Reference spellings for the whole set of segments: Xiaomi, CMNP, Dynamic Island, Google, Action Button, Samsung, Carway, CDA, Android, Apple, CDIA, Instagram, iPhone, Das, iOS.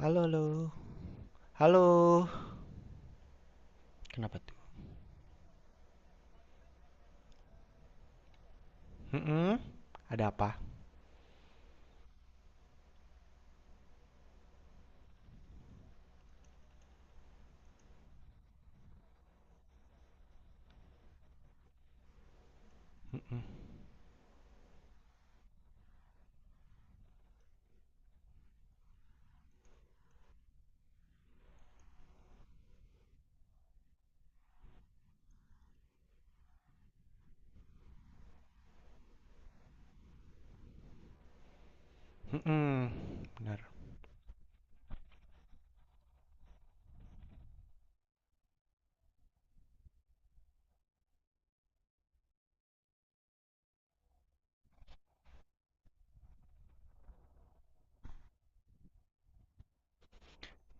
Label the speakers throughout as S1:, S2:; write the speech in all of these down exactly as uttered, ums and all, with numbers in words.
S1: Halo, halo. Halo. Kenapa tuh? Mm-mm. Ada apa? Mm-mm. Mm-mm. Benar.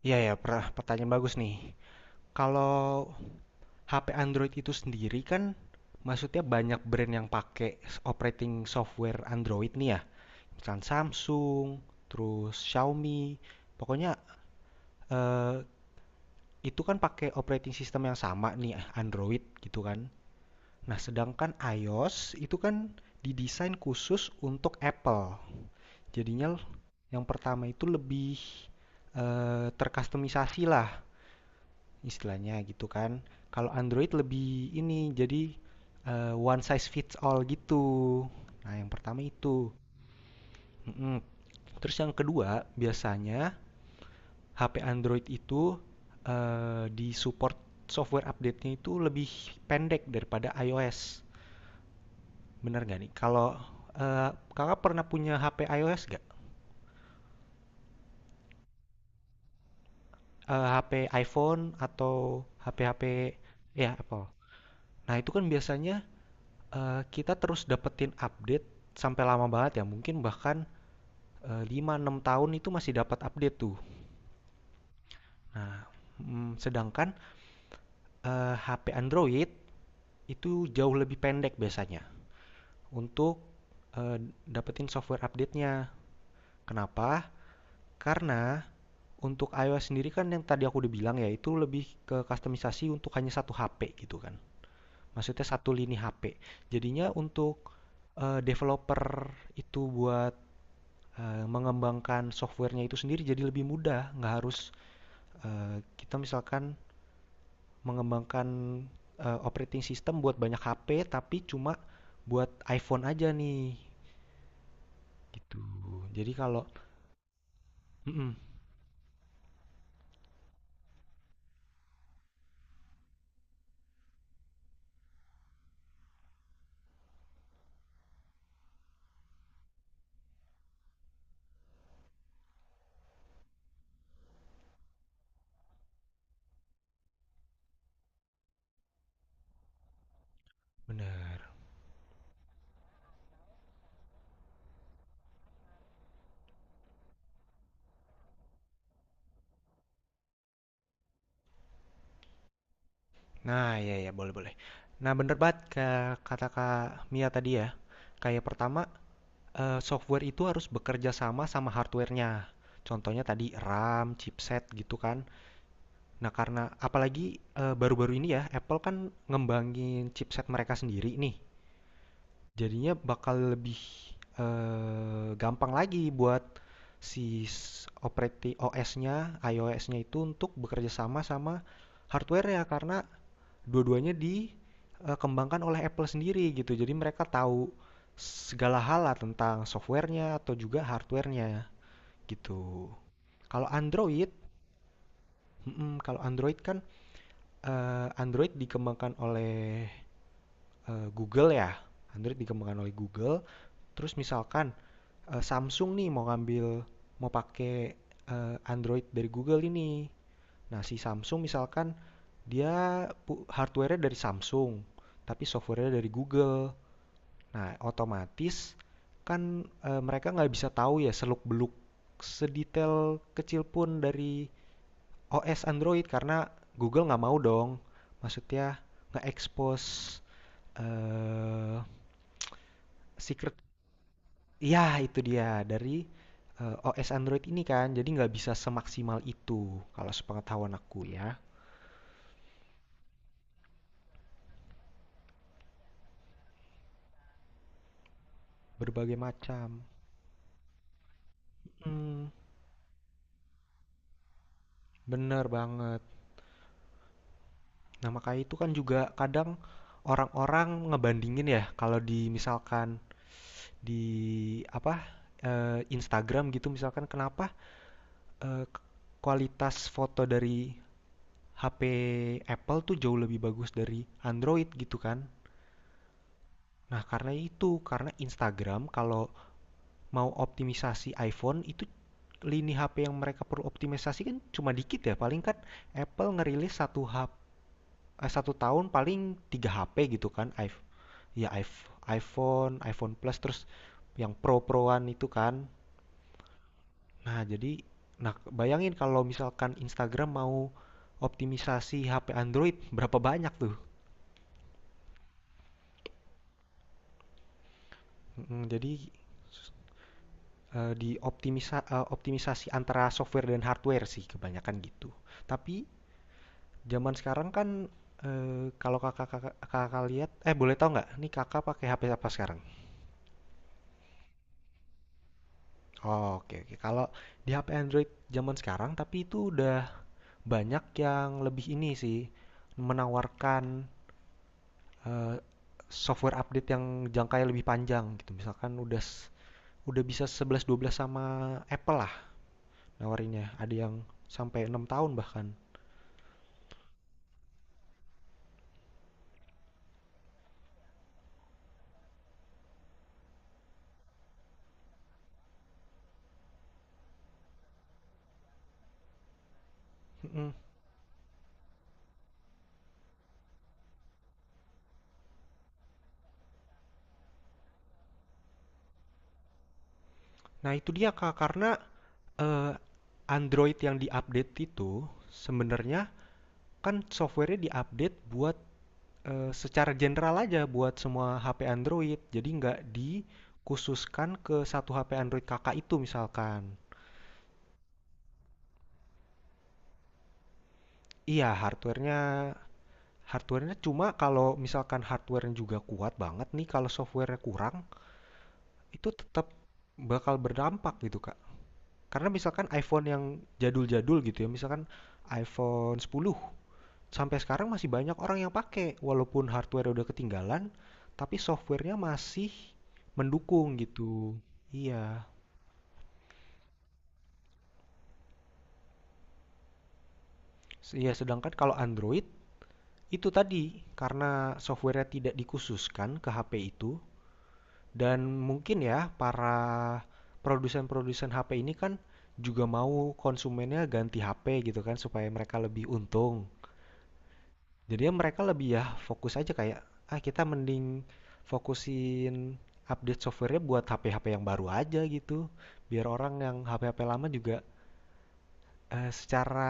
S1: Iya, ya, pertanyaan bagus nih. Kalau ha pe Android itu sendiri kan maksudnya banyak brand yang pakai operating software Android nih ya. Misalkan Samsung, terus Xiaomi. Pokoknya eh, itu kan pakai operating system yang sama nih Android gitu kan. Nah, sedangkan iOS itu kan didesain khusus untuk Apple. Jadinya yang pertama itu lebih eh, terkustomisasi lah istilahnya gitu kan. Kalau Android lebih ini jadi eh, one size fits all gitu. Nah, yang pertama itu. Mm-mm. Terus yang kedua, biasanya ha pe Android itu eh, di support software update-nya itu lebih pendek daripada iOS. Bener gak nih? Kalau eh, kakak pernah punya ha pe iOS gak? eh, HP iPhone atau ha pe-HP ya Apple. Nah, itu kan biasanya eh, kita terus dapetin update sampai lama banget ya, mungkin bahkan eh, lima enam tahun itu masih dapat update tuh. Nah, mm, sedangkan eh, ha pe Android itu jauh lebih pendek biasanya untuk eh, dapetin software update-nya. Kenapa? Karena untuk iOS sendiri kan yang tadi aku udah bilang ya, itu lebih ke customisasi untuk hanya satu ha pe gitu kan. Maksudnya satu lini ha pe. Jadinya untuk eh, developer itu buat eh, mengembangkan softwarenya itu sendiri jadi lebih mudah. Nggak harus eh, kita misalkan mengembangkan eh, operating system buat banyak ha pe, tapi cuma buat iPhone aja nih. Gitu. Jadi kalau, Mm-mm, bener. Nah, ya ya boleh boleh. Nah, bener banget ke- kata Kak Mia tadi ya. Kayak pertama, Eee, software itu harus bekerja sama sama hardware-nya. Contohnya tadi RAM, chipset gitu kan. Nah, karena apalagi, eee, baru-baru ini ya Apple kan ngembangin chipset mereka sendiri nih. Jadinya bakal lebih, eee, gampang lagi buat si operating operati o es-nya, iOS-nya itu untuk bekerja sama sama hardware-nya karena dua-duanya dikembangkan oleh Apple sendiri gitu. Jadi mereka tahu segala hal lah tentang softwarenya atau juga hardwarenya gitu. Kalau Android, mm, kalau Android kan eh, Android dikembangkan oleh eh, Google ya. Android dikembangkan oleh Google. Terus misalkan eh, Samsung nih mau ngambil mau pakai eh, Android dari Google ini. Nah, si Samsung misalkan dia pu- hardware-nya dari Samsung, tapi software-nya dari Google. Nah, otomatis kan eh, mereka nggak bisa tahu ya seluk-beluk sedetail kecil pun dari o es Android karena Google nggak mau dong. Maksudnya nge-expose eh secret. Ya, itu dia dari eh, o es Android ini kan. Jadi nggak bisa semaksimal itu kalau sepengetahuan aku ya. Berbagai macam. Mm, bener banget. Nah, makanya itu kan juga kadang orang-orang ngebandingin ya kalau di misalkan di apa eh, Instagram gitu misalkan kenapa eh, kualitas foto dari ha pe Apple tuh jauh lebih bagus dari Android gitu kan. Nah, karena itu, karena Instagram kalau mau optimisasi iPhone itu lini ha pe yang mereka perlu optimisasi kan cuma dikit ya. Paling kan Apple ngerilis satu ha pe satu tahun paling tiga ha pe gitu kan. iPh- ya iPh- iPhone, iPhone Plus terus yang Pro-Proan itu kan. Nah, jadi nah bayangin kalau misalkan Instagram mau optimisasi ha pe Android berapa banyak tuh. Mm, jadi eh, di optimisa- eh, optimisasi antara software dan hardware sih kebanyakan gitu. Tapi zaman sekarang kan eh, kalau kakak-kakak kakak kakak lihat eh boleh tahu nggak nih kakak pakai ha pe apa sekarang? Oh, oke oke. Kalau di ha pe Android zaman sekarang tapi itu udah banyak yang lebih ini sih menawarkan eh, software update yang jangkanya lebih panjang gitu. Misalkan udah udah bisa sebelas dua belas sama Apple lah nawarinnya. Ada yang sampai enam tahun bahkan. Nah, itu dia Kak karena eh, Android yang diupdate itu sebenarnya kan softwarenya diupdate buat eh, secara general aja buat semua ha pe Android. Jadi nggak dikhususkan ke satu ha pe Android kakak itu misalkan. Iya, hardwarenya Hardware-nya cuma kalau misalkan hardware-nya juga kuat banget nih, kalau software-nya kurang, itu tetap bakal berdampak gitu, Kak. Karena misalkan iPhone yang jadul-jadul gitu ya, misalkan iPhone sepuluh sampai sekarang masih banyak orang yang pakai walaupun hardware udah ketinggalan, tapi software-nya masih mendukung gitu. Iya. Iya, sedangkan kalau Android itu tadi karena software-nya tidak dikhususkan ke ha pe itu, dan mungkin ya para produsen-produsen ha pe ini kan juga mau konsumennya ganti ha pe gitu kan supaya mereka lebih untung. Jadi ya mereka lebih ya fokus aja kayak ah kita mending fokusin update softwarenya buat ha pe-ha pe yang baru aja gitu. Biar orang yang ha pe-ha pe lama juga eh, secara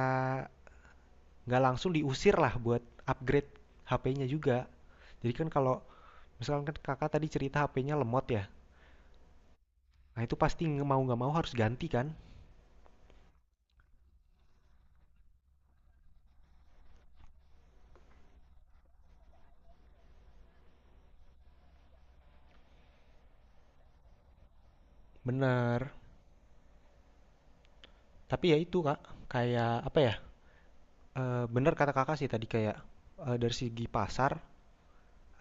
S1: nggak langsung diusir lah buat upgrade ha pe-nya juga. Jadi kan kalau misalkan kan kakak tadi cerita ha pe-nya lemot ya. Nah, itu pasti nge- mau nggak mau harus ganti kan? Bener. Tapi ya itu Kak, kayak apa ya? Eh bener kata Kakak sih tadi kayak eh, dari segi pasar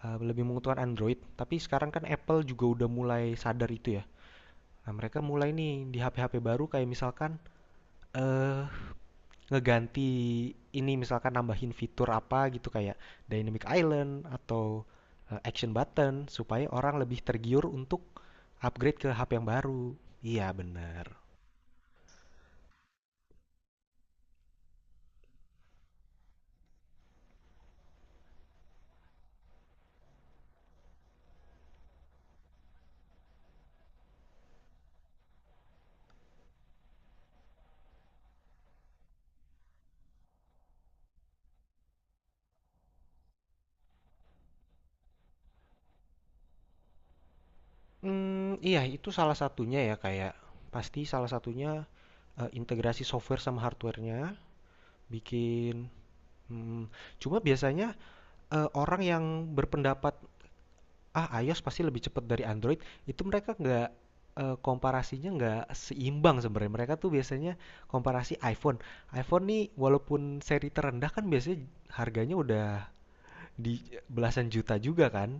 S1: eh, lebih menguntungkan Android. Tapi sekarang kan Apple juga udah mulai sadar itu ya. Nah, mereka mulai nih di ha pe-ha pe baru kayak misalkan eh ngeganti ini misalkan nambahin fitur apa gitu kayak Dynamic Island atau eh, Action Button supaya orang lebih tergiur untuk upgrade ke ha pe yang baru. Iya, bener. Mmm, iya itu salah satunya ya, kayak pasti salah satunya, eee, integrasi software sama hardware-nya, bikin mhm, cuma biasanya, eee, orang yang berpendapat, "Ah, iOS pasti lebih cepat dari Android," itu mereka nggak, eee, komparasinya nggak seimbang sebenarnya. Mereka tuh biasanya komparasi iPhone. iPhone nih walaupun seri terendah kan biasanya harganya udah di belasan juta juga kan.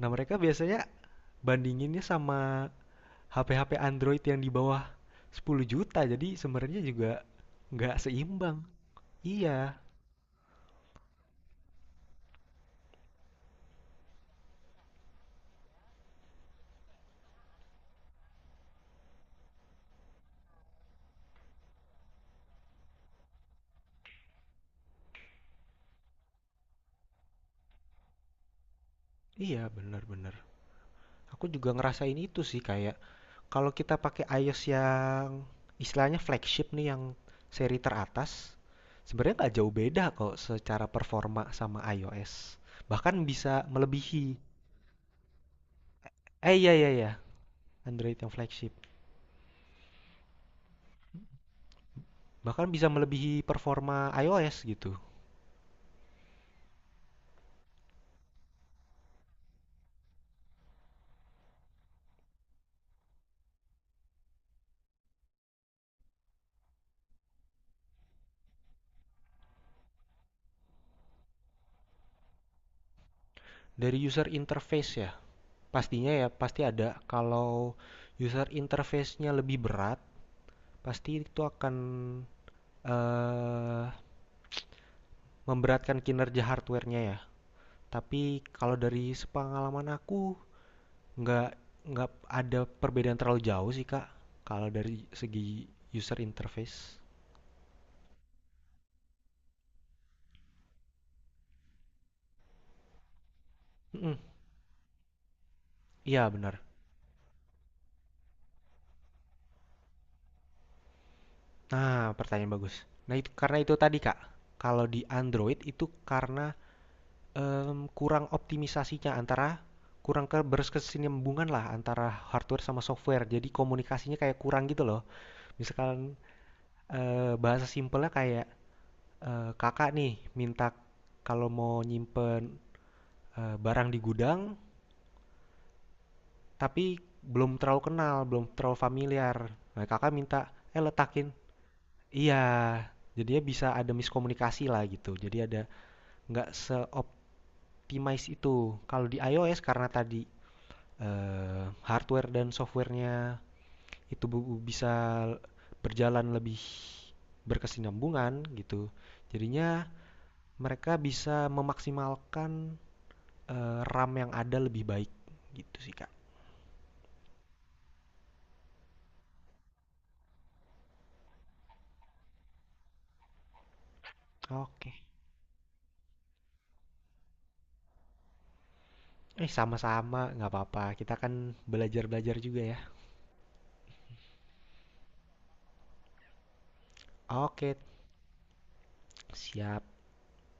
S1: Nah, mereka biasanya bandinginnya sama ha pe-ha pe Android yang di bawah sepuluh juta. Jadi sebenarnya juga nggak seimbang. Iya, iya bener-bener. Aku juga ngerasain itu sih kayak kalau kita pakai iOS yang istilahnya flagship nih yang seri teratas, sebenarnya nggak jauh beda kok secara performa sama iOS. Bahkan bisa melebihi. Eh iya iya iya, Android yang flagship. Bahkan bisa melebihi performa iOS gitu. Dari user interface ya. Pastinya ya pasti ada. Kalau user interface-nya lebih berat pasti itu akan eh, memberatkan kinerja hardware-nya ya, tapi kalau dari sepengalaman aku nggak nggak ada perbedaan terlalu jauh sih kak kalau dari segi user interface. Mm-mm. Iya, benar. Nah, pertanyaan bagus. Nah, itu karena itu tadi kak, kalau di Android itu karena Mmm, kurang optimisasinya antara kurang ke lah antara hardware sama software. Jadi komunikasinya kayak kurang gitu loh. Misalkan, eee, bahasa simpelnya kayak, eee, Kakak nih minta kalau mau nyimpen, eee, barang di gudang, tapi belum terlalu kenal, belum terlalu familiar. Nah, Kakak minta, "Eh, letakin," iya, jadinya bisa ada miskomunikasi lah gitu. Jadi ada nggak seoptimis itu. Kalau di iOS karena tadi eh, hardware dan softwarenya itu bisa berjalan lebih berkesinambungan gitu. Jadinya mereka bisa memaksimalkan eh, RAM yang ada lebih baik gitu sih Kak. Oke. Eh sama-sama, nggak apa-apa. Kita kan belajar-belajar juga ya. Oke, siap.